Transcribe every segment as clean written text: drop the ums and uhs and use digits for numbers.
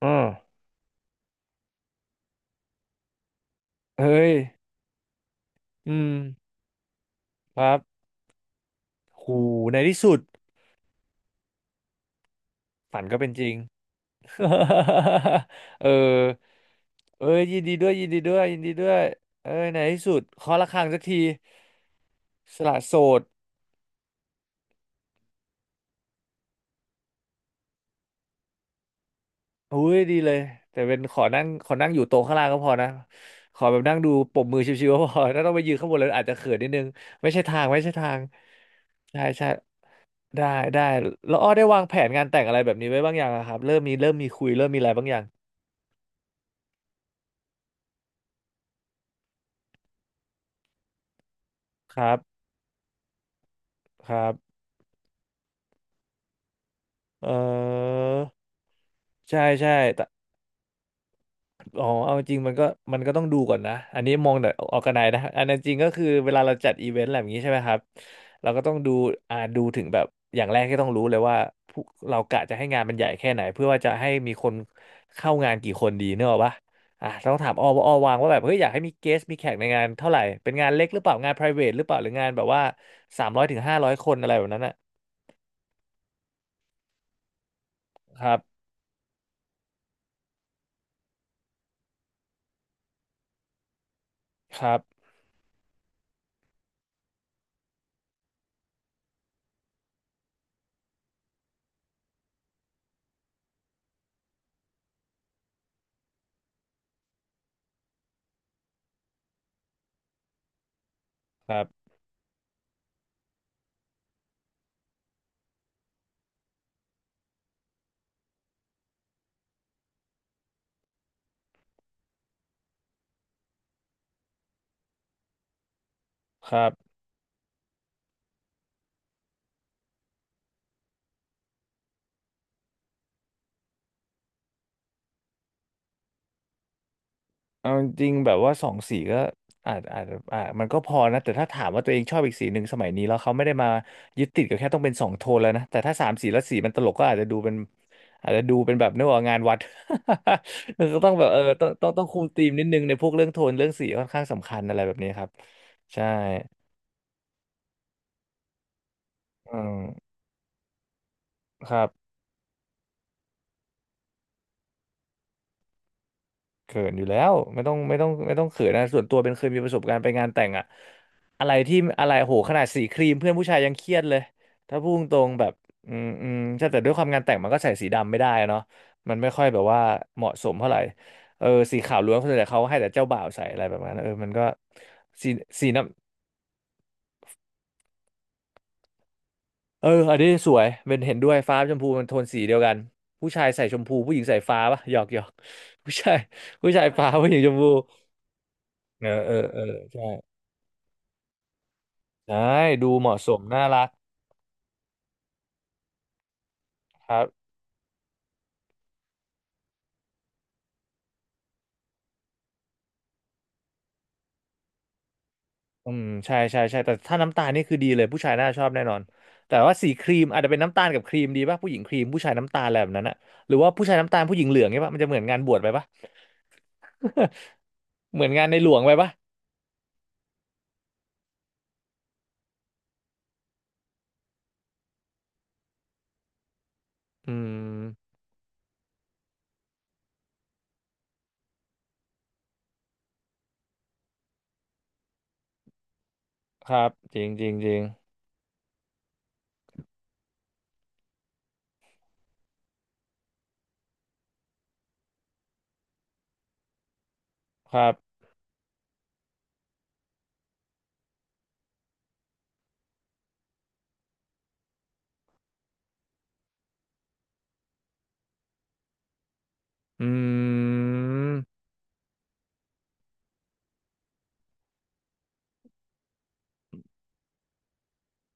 อ่าเฮ้ยอืมครับหูในที่สุดฝันก็เป็นจริง เออเอ้ยยินดีด้วยยินดีด้วยยินดีด้วยเอ้ยในที่สุดเคาะระฆังสักทีสละโสดอุ้ยดีเลยแต่เป็นขอนั่งขอนั่งอยู่โต๊ะข้างล่างก็พอนะ ขอแบบนั่งดูปรบมือชิวๆก็พอถ้าต้องไปยืนข้างบนเลยอาจจะเขินนิดนึงไม่ใช่ทางไม่ใช่ทางใช่ใช่ได้ได้แล้วอ้อได้วางแผนงานแต่งอะไรแบบนี้ไว้บ้างอย่างอะครับเริ่มมีเริ่มมีคุยเริ่มมีอะไรบางอย่างครับ ครับเออใช่ใช่แต่อ๋อเอาจริงมันก็ต้องดูก่อนนะ อันนี้มองแต่ออกกันไนนะ อันนั้นจริงก็คือเวลาเราจัดอีเวนต์อะไรแบบนี้ใช่ไหมครับเราก็ต้องดูดูถึงแบบ อย่างแรกที่ต้องรู้เลยว่าผู้เรากะจะให้งานมันใหญ่แค่ไหนเพื่อว่าจะให้มีคนเข้างานกี่คนดีเนกอะปะอ่ะต้องถามออว่าออวางว่าแบบเฮ้ยอยากให้มีเกสมีแขกในงานเท่าไหร่เป็นงานเล็กหรือเปล่า งาน private หรือเปล่าหรืองานแบบว่า300 ถึง 500 คนอะไรแบบนั้นนะครับครับครับครับ เอาจริงๆแบบว่าสองสีก็อาจอาจอามันก็พอนะแต่ถ้าถามว่าตัวเองชอบอีกสีหนึ่งสมัยนี้แล้วเขาไม่ได้มายึดติดกับแค่ต้องเป็นสองโทนแล้วนะแต่ถ้าสามสีแล้วสีมันตลกก็อาจจะดูเป็นอาจจะดูเป็นแบบนึกว่างานวัด ก็ต้องแบบเออต้องคุมธีมนิดนึงในพวกเรื่องโทนเรื่องสีค่อนข้างสำคัญอะไรแบบนี้ครับใช่อืมครับ เขินอยู่แล้วไม่ต้องไม่ต้องไม่ต้องเขินนะส่วนตัวเป็นเคยมีประสบการณ์ไปงานแต่งอะอะไรที่อะไรโหขนาดสีครีมเพื่อนผู้ชายยังเครียดเลยถ้าพูดตรงๆแบบอืมอืมใช่แต่ด้วยความงานแต่งมันก็ใส่สีดำไม่ได้อะเนาะมันไม่ค่อยแบบว่าเหมาะสมเท่าไหร่เออสีขาวล้วนส่วนใหญ่เขาให้แต่เจ้าบ่าวใส่อะไรแบบนั้นเออมันก็สีสีน้ำเอออันนี้สวยเป็นเห็นด้วยฟ้าชมพูมันโทนสีเดียวกันผู้ชายใส่ชมพูผู้หญิงใส่ฟ้าปะหยอกหยอก ผู้ชายผู้ชายฟ้าผู้หญิงชมพูเออเออเออใช่ ใช่ดูเหมาะสมน่ารักครับอืมใช่ใช่ใช่แต่ถ้าน้ำตาลนี่คือดีเลยผู้ชายน่าชอบแน่นอนแต่ว่าสีครีมอาจจะเป็นน้ำตาลกับครีมดีป่ะผู้หญิงครีมผู้ชายน้ำตาลอะไรแบบนั้นอะหรือว่าผู้ชายน้ำตาลผู้หญิงเหลืองเนี่ยป่ะมันจะเหมือนงานบวชไปป่ะ เหมือนงานในหลวงไปป่ะอืมครับจริงจริงจริงครับอืม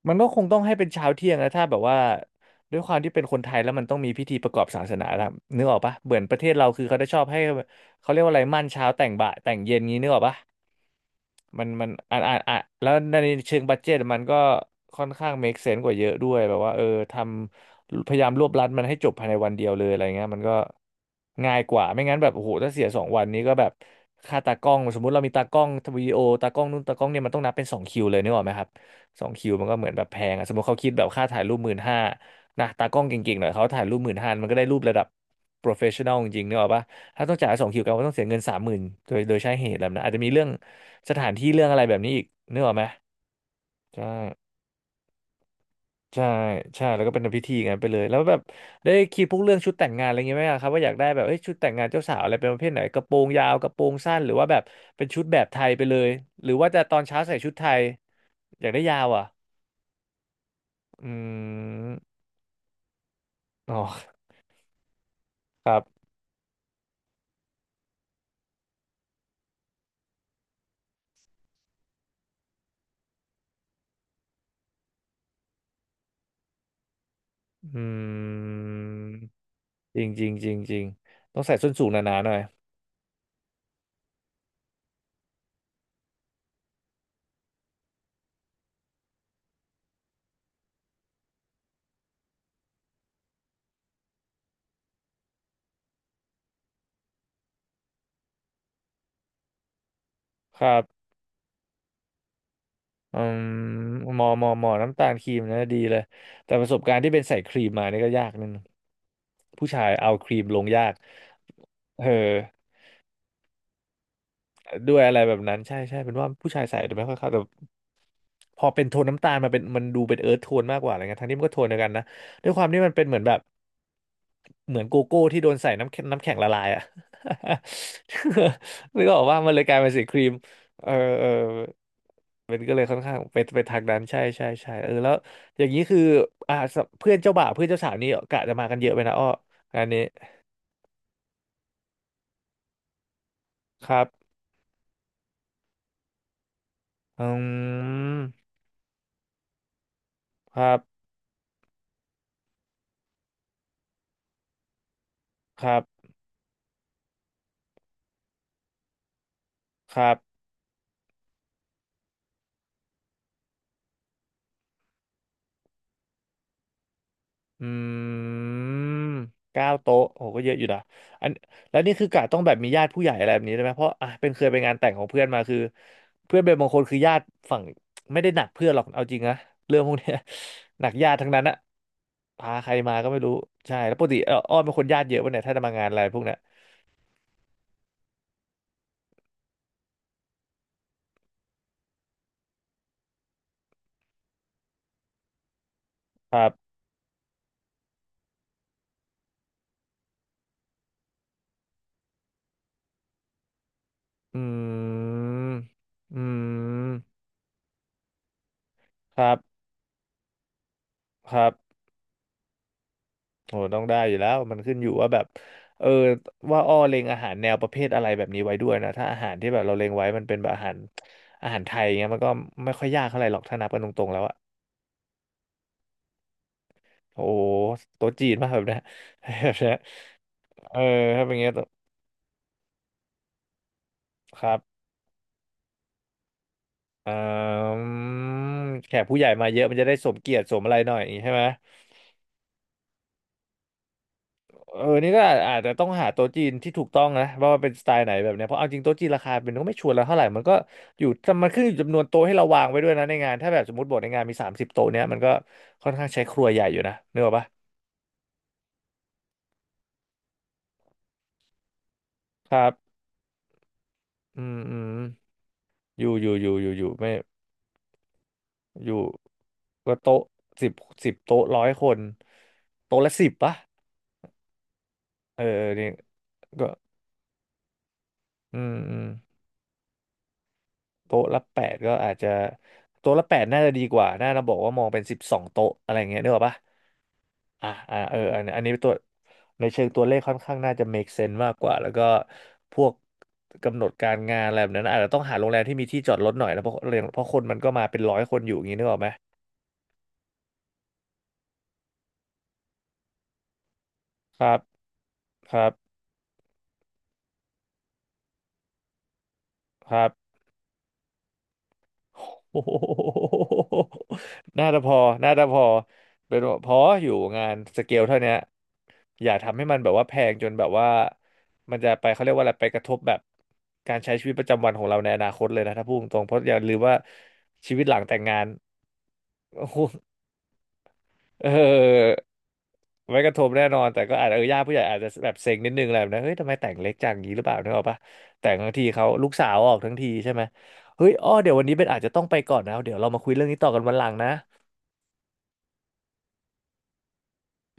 มันก็คงต้องให้เป็นเช้าเที่ยงนะถ้าแบบว่าด้วยความที่เป็นคนไทยแล้วมันต้องมีพิธีประกอบศาสนาแล้วนึกออกปะเหมือนประเทศเราคือเขาได้ชอบให้เขาเรียกว่าอะไรมั่นเช้าแต่งบ่ายแต่งเย็นงี้นึกออกปะมันอ่ะแล้วในเชิงบัดเจ็ตมันก็ค่อนข้าง make sense กว่าเยอะด้วยแบบว่าเออทพยายามรวบรัดมันให้จบภายในวันเดียวเลยอะไรเงี้ยมันก็ง่ายกว่าไม่งั้นแบบโอ้โหถ้าเสียสองวันนี้ก็แบบค่าตากล้องสมมุติเรามีตากล้องวิดีโอตากล้องนู่นตากล้องเนี่ยมันต้องนับเป็นสองคิวเลยนึกออกไหมครับ สองคิวมันก็เหมือนแบบแพงอะสมมติเขาคิดแบบค่าถ่ายรูปหมื่นห้านะตากล้องเก่งๆหน่อยเขาถ่ายรูปหมื่นห้ามันก็ได้รูประดับ professional จริงๆเนกอะปะถ้าต้องจ่ายสองคิวกันก็ต้องเสียเงิน30,000โดยใช้เหตุแบบนั้นอาจจะมีเรื่องสถานที่เรื่องอะไรแบบนี้อีกนึกออกไหมใช่ใช่ใช่แล้วก็เป็นพิธีงั้นไปเลยแล้วแบบได้คิดพวกเรื่องชุดแต่งงานอะไรเงงี้ยไหมอะครับว่าอยากได้แบบเอ้ยชุดแต่งงานเจ้าสาวอะไรเป็นประเภทไหนกระโปรงยาวกระโปรงสั้นหรือว่าแบบเป็นชุดแบบไทยไปเลยหรือว่าจะตอนเช้าใส่ชุดไทยอยากได้ยาวอ่ะอืมอ๋อ ครับอืมจริงจริงจริงจริง ต้องใส่ส้นสูงหนาๆหน่อยครับอืมหมอน้ำตาลครีมนะดีเลย แต่ประสบการณ์ที่เป็นใส่ครีมมานี่ก็ยากนิดนึงผู้ชายเอาครีมลงยากเออด้วยอะไรแบบนั้นใช่ใช่เป็นว่าผู้ชายใส่แต่ไม่ค่อยเข้าแต่พอเป็นโทนน้ำตาลมาเป็นมันดูเป็นเอิร์ธโทนมากกว่าอะไรเงี้ยทั้งที่มันก็โทนเดียวกันนะด้วยความที่มันเป็นเหมือนแบบ เหมือนโกโก้ที่โดนใส่น้ำแข็งน้ำแข็งละลายอ่ะ นึกออกว่ามันเลยกลายเป็นสีครีมเออเออมันก็เลยค่อนข้างไปทางนั้นใช่ใช่ใช่เออแล้วอย่างนี้คืออ่าสเพื่อนเจ้าบ่าวเพื่อนเจ้าสาวนี่กะจะมากันเยอะไปนะอ้องานนี้ครับอืมครับครับครับ อืม9โต๊ะโอ้โหก็เยอะอยู่นะอันแล้วนี่คือกะต้องแบบมีญาติผู้ใหญ่อะไรแบบนี้ได้ไหมเพราะอ่ะเป็นเคยไปงานแต่งของเพื่อนมาคือเพื่อนเป็นบางคนคือญาติฝั่งไม่ได้หนักเพื่อนหรอกเอาจริงนะเรื่องพวกเนี้ย หนักญาติทั้งนั้นอะพาใครมาก็ไม่รู้ใช่แล้วปกติเอออ้อมเป็นคนญาติเยอะปะเนี่ยถ้าจะมางานอะไรพวกเนี้ยครับอืมอืมครับครับ โหต้องได้อยู่แล้วมันขึ้นอยู่ว่าแบบเออว่าอ้อเล็งอาหารแนวประเภทอะไรแบบนี้ไว้ด้วยนะถ้าอาหารที่แบบเราเล็งไว้มันเป็นแบบอาหารไทยเงี้ยมันก็ไม่ค่อยยากเท่าไหร่หรอกถ้านับกันตรงๆแล้วอะโอ้โหโต๊ะจีนมากแบบเนี้ย แบบเนี้ยเออถ้าเป็นอย่างเงี้ยครับเออแขกผู้ใหญ่มาเยอะมันจะได้สมเกียรติสมอะไรหน่อยอย่างงี้ใช่ไหม เออนี่ก็อาจจะต้องหาโต๊ะจีนที่ถูกต้องนะว่ามันเป็นสไตล์ไหนแบบเนี้ยเพราะเอาจริงโต๊ะจีนราคาเป็นก็ไม่ชัวร์แล้วเท่าไหร่มันก็อยู่มันขึ้นอยู่จำนวนโต๊ะให้เราวางไว้ด้วยนะในงานถ้าแบบสมมติบทในงานมี30โต๊ะเนี้ยมันก็ค่อนข้างใช้ครัวใหญ่อยู่นะนึกออกปะครับอืมอืมอยู่อยู่อยู่อยู่อยู่ไม่อยู่ก็โต๊ะสิบสิบโต๊ะร้อยคนโต๊ะละสิบปะเออเออนี่ก็อืมอืมโต๊ะละแปดก็อาจจะโต๊ะละแปดน่าจะดีกว่า น่าจะบอกว่ามองเป็น12โต๊ะอะไรเงี้ยนึกออกปะ อ่ะอ่ะเอออันนี้ตัวในเชิงตัวเลขค่อนข้างน่าจะ make sense มากกว่า แล้วก็พวกกำหนดการงานอะไรแบบนั้นอาจจะต้องหาโรงแรมที่มีที่จอดรถหน่อยนะเพราะคนมันก็มาเป็นร้อยคนอยู่อย่างนี้นึกออกไหม ครับ ครับครับ โอ้โหน่าจะพอ น่าจะพอเป็นพออยู่งานสเกลเท่าเนี้ยอย่าทำให้มันแบบว่าแพงจนแบบว่ามันจะไปเขาเรียกว่าอะไรไปกระทบแบบการใช้ชีวิตประจำวันของเราในอนาคตเลยนะถ้าพูดตรงๆเพราะอย่าลืมว่าชีวิตหลังแต่งงาน โอ้โห เออไมกระทบแน่นอนแต่ก็อาจจะเออญาติผู้ใหญ่อาจจะแบบเซ็งนิดนึงแหละแบบนะเฮ้ยทำไมแต่งเล็กจังงี้หรือเปล่านึกออกปะแต่งทั้งทีเขาลูกสาวออกทั้งทีใช่ไหมเฮ้ยอ้อเดี๋ยววันนี้เป็นอาจจะต้องไปก่อนนะเดี๋ยวเรามาคุยเรื่องนี้ต่อกันวันหลังนะ